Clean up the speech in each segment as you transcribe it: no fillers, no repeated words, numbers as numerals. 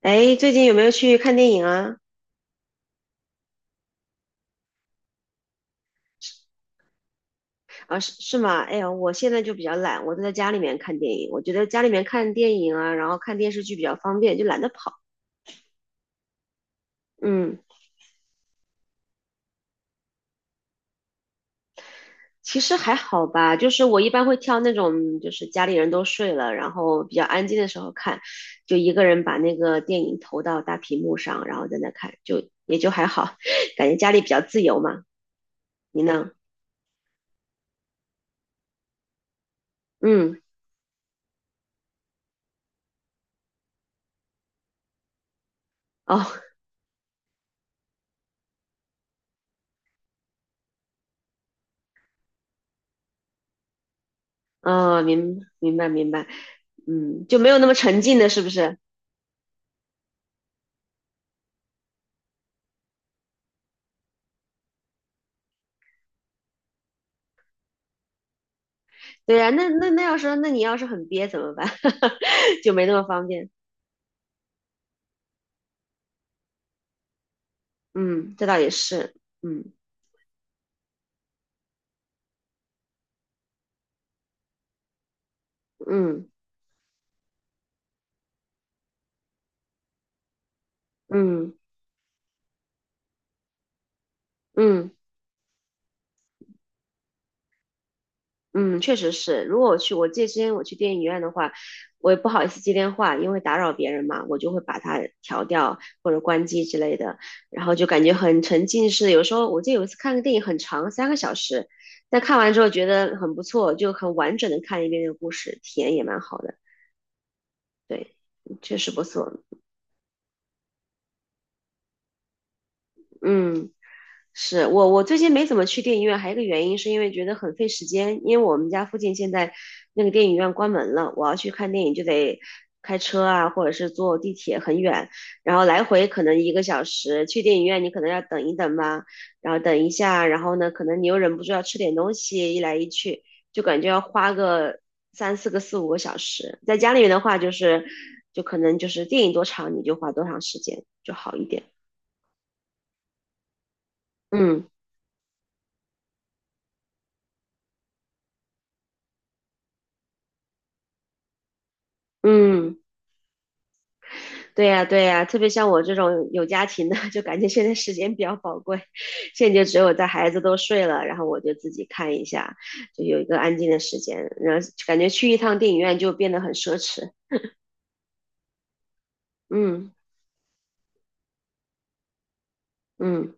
哎，最近有没有去看电影啊？啊，是吗？哎呀，我现在就比较懒，我都在家里面看电影。我觉得家里面看电影啊，然后看电视剧比较方便，就懒得跑。嗯，其实还好吧，就是我一般会挑那种就是家里人都睡了，然后比较安静的时候看，就一个人把那个电影投到大屏幕上，然后在那看，就也就还好，感觉家里比较自由嘛。你呢？嗯，哦，哦，明白明白，嗯，就没有那么沉浸的，是不是？对呀、那你要是很憋怎么办？就没那么方便。嗯，这倒也是。嗯嗯嗯嗯嗯，确实是。如果我去，我记得之前我去电影院的话，我也不好意思接电话，因为打扰别人嘛，我就会把它调掉或者关机之类的，然后就感觉很沉浸式。有时候我记得有一次看个电影很长，3个小时，但看完之后觉得很不错，就很完整的看一遍那个故事，体验也蛮好的。对，确实不错。嗯。我最近没怎么去电影院，还有一个原因是因为觉得很费时间，因为我们家附近现在那个电影院关门了，我要去看电影就得开车啊，或者是坐地铁很远，然后来回可能1个小时，去电影院你可能要等一等吧，然后等一下，然后呢，可能你又忍不住要吃点东西，一来一去就感觉要花个三四个4、5个小时，在家里面的话就是，就可能就是电影多长你就花多长时间就好一点，嗯嗯。对呀，对呀，特别像我这种有家庭的，就感觉现在时间比较宝贵，现在就只有在孩子都睡了，然后我就自己看一下，就有一个安静的时间，然后感觉去一趟电影院就变得很奢侈。嗯嗯。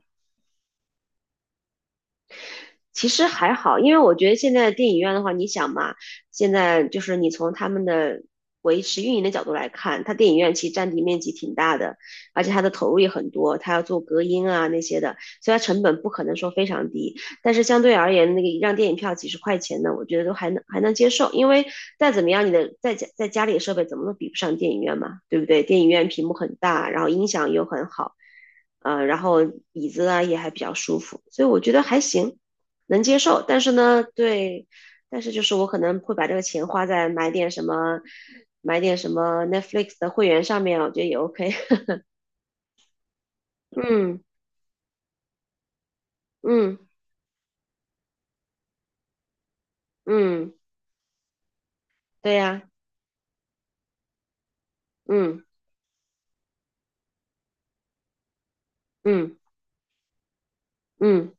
其实还好，因为我觉得现在的电影院的话，你想嘛，现在就是你从他们的维持运营的角度来看，它电影院其实占地面积挺大的，而且它的投入也很多，它要做隔音啊那些的，所以它成本不可能说非常低。但是相对而言，那个一张电影票几十块钱呢，我觉得都还能接受，因为再怎么样，你的在家里的设备怎么都比不上电影院嘛，对不对？电影院屏幕很大，然后音响又很好，然后椅子啊也还比较舒服，所以我觉得还行。能接受，但是呢，对，但是就是我可能会把这个钱花在买点什么 Netflix 的会员上面，我觉得也 OK。嗯嗯嗯，对呀、嗯嗯嗯，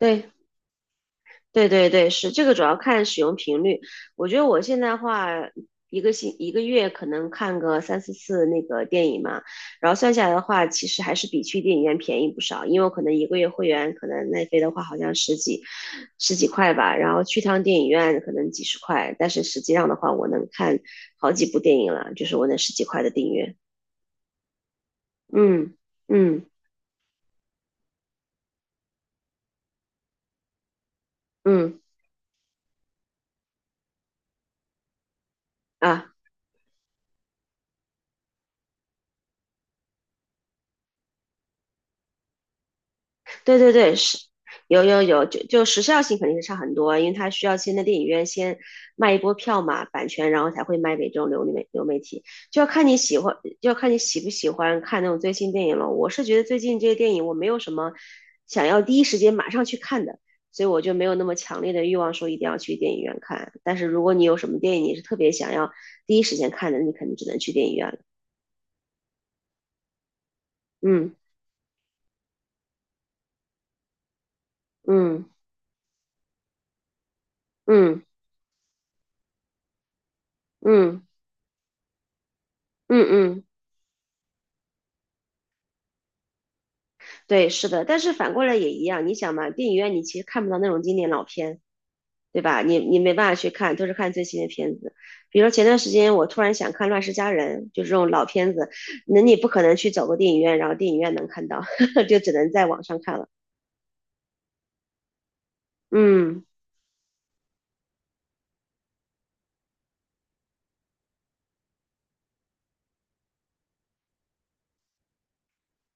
对。对对对，是这个主要看使用频率。我觉得我现在话一个月可能看个三四次那个电影嘛，然后算下来的话，其实还是比去电影院便宜不少。因为我可能一个月会员，可能奈飞的话好像十几块吧，然后去趟电影院可能几十块，但是实际上的话，我能看好几部电影了，就是我那十几块的订阅。嗯嗯嗯啊。对对对，是有有有，就时效性肯定是差很多，因为它需要先在电影院先卖一波票嘛，版权，然后才会卖给这种流媒体，就要看你喜欢，就要看你喜不喜欢看那种最新电影了。我是觉得最近这些电影我没有什么想要第一时间马上去看的，所以我就没有那么强烈的欲望说一定要去电影院看。但是如果你有什么电影你是特别想要第一时间看的，你肯定只能去电影院了。嗯嗯嗯嗯嗯嗯嗯。嗯对，是的，但是反过来也一样，你想嘛，电影院你其实看不到那种经典老片，对吧？你没办法去看，都是看最新的片子。比如说前段时间我突然想看《乱世佳人》，就是这种老片子，那你不可能去走个电影院，然后电影院能看到，就只能在网上看了。嗯。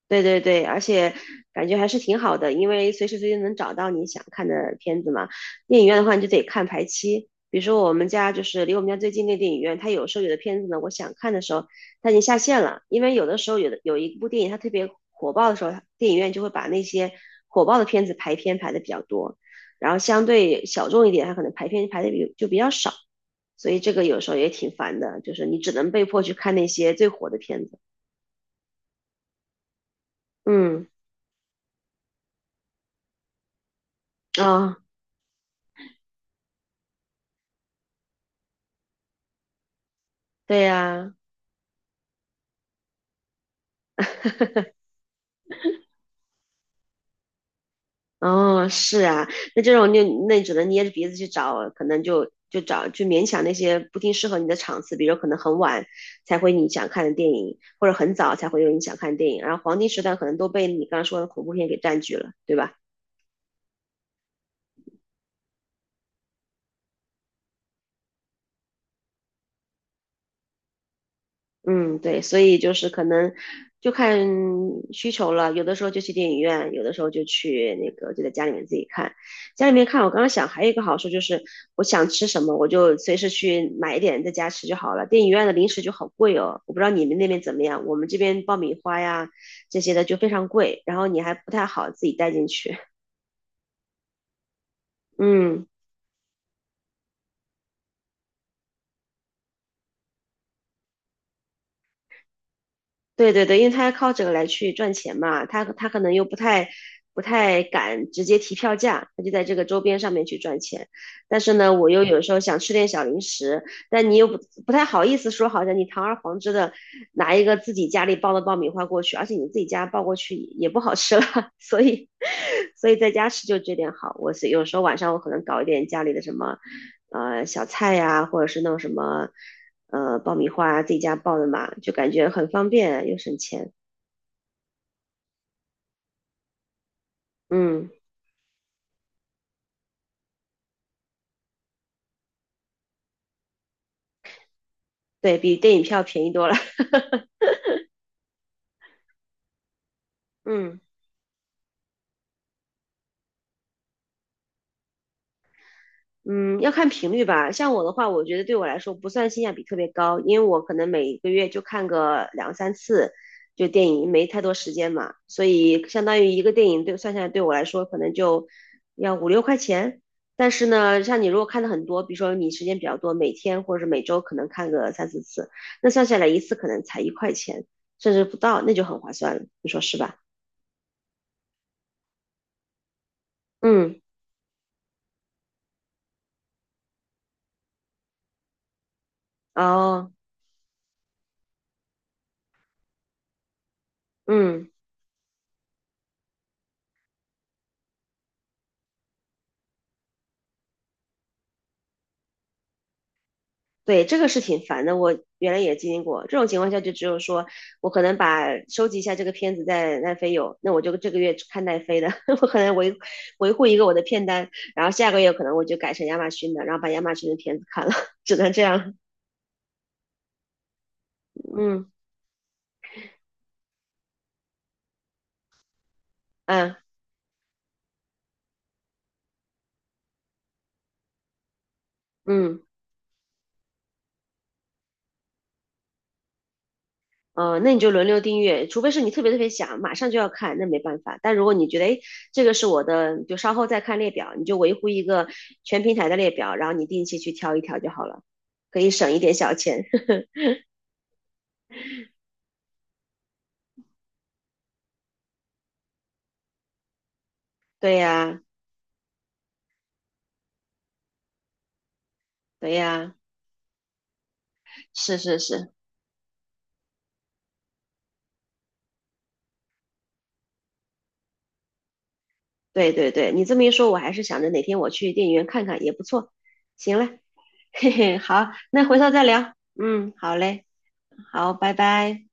对对对，而且感觉还是挺好的，因为随时随地能找到你想看的片子嘛。电影院的话，你就得看排期。比如说我们家就是离我们家最近那电影院，它有时候有的片子呢，我想看的时候它已经下线了，因为有的时候有一部电影它特别火爆的时候，电影院就会把那些火爆的片子排片排的比较多，然后相对小众一点，它可能排片排的比较少，所以这个有时候也挺烦的，就是你只能被迫去看那些最火的片子。嗯啊，对呀。哦，是啊，那这种就那你只能捏着鼻子去找，可能就勉强那些不定适合你的场次，比如可能很晚才会你想看的电影，或者很早才会有你想看的电影，然后黄金时段可能都被你刚刚说的恐怖片给占据了，对吧？嗯，对，所以就是可能就看需求了，有的时候就去电影院，有的时候就去那个就在家里面自己看。家里面看，我刚刚想还有一个好处就是，我想吃什么我就随时去买一点在家吃就好了。电影院的零食就好贵哦，我不知道你们那边怎么样，我们这边爆米花呀这些的就非常贵，然后你还不太好自己带进去。嗯。对对对，因为他要靠这个来去赚钱嘛，他可能又不太敢直接提票价，他就在这个周边上面去赚钱。但是呢，我又有时候想吃点小零食，但你又不太好意思说，好像你堂而皇之的拿一个自己家里包的爆米花过去，而且你自己家包过去也不好吃了，所以所以在家吃就这点好。我是有时候晚上我可能搞一点家里的什么小菜呀、或者是弄什么。爆米花自己家爆的嘛，就感觉很方便又省钱。嗯，对比电影票便宜多了。嗯。嗯，要看频率吧。像我的话，我觉得对我来说不算性价比特别高，因为我可能每个月就看个两三次，就电影没太多时间嘛，所以相当于一个电影对算下来对我来说可能就要五六块钱。但是呢，像你如果看的很多，比如说你时间比较多，每天或者是每周可能看个三四次，那算下来一次可能才1块钱，甚至不到，那就很划算了，你说是吧？嗯，哦，嗯。对，这个是挺烦的，我原来也经历过。这种情况下，就只有说我可能把收集一下这个片子在奈飞有，那我就这个月只看奈飞的，我可能维护一个我的片单，然后下个月可能我就改成亚马逊的，然后把亚马逊的片子看了，只能这样。嗯嗯嗯，那你就轮流订阅，除非是你特别特别想马上就要看，那没办法。但如果你觉得，哎，这个是我的，就稍后再看列表，你就维护一个全平台的列表，然后你定期去挑一挑就好了，可以省一点小钱。对呀，对呀，是是是，对对对，你这么一说，我还是想着哪天我去电影院看看也不错。行了，嘿嘿，好，那回头再聊。嗯，好嘞，好，拜拜。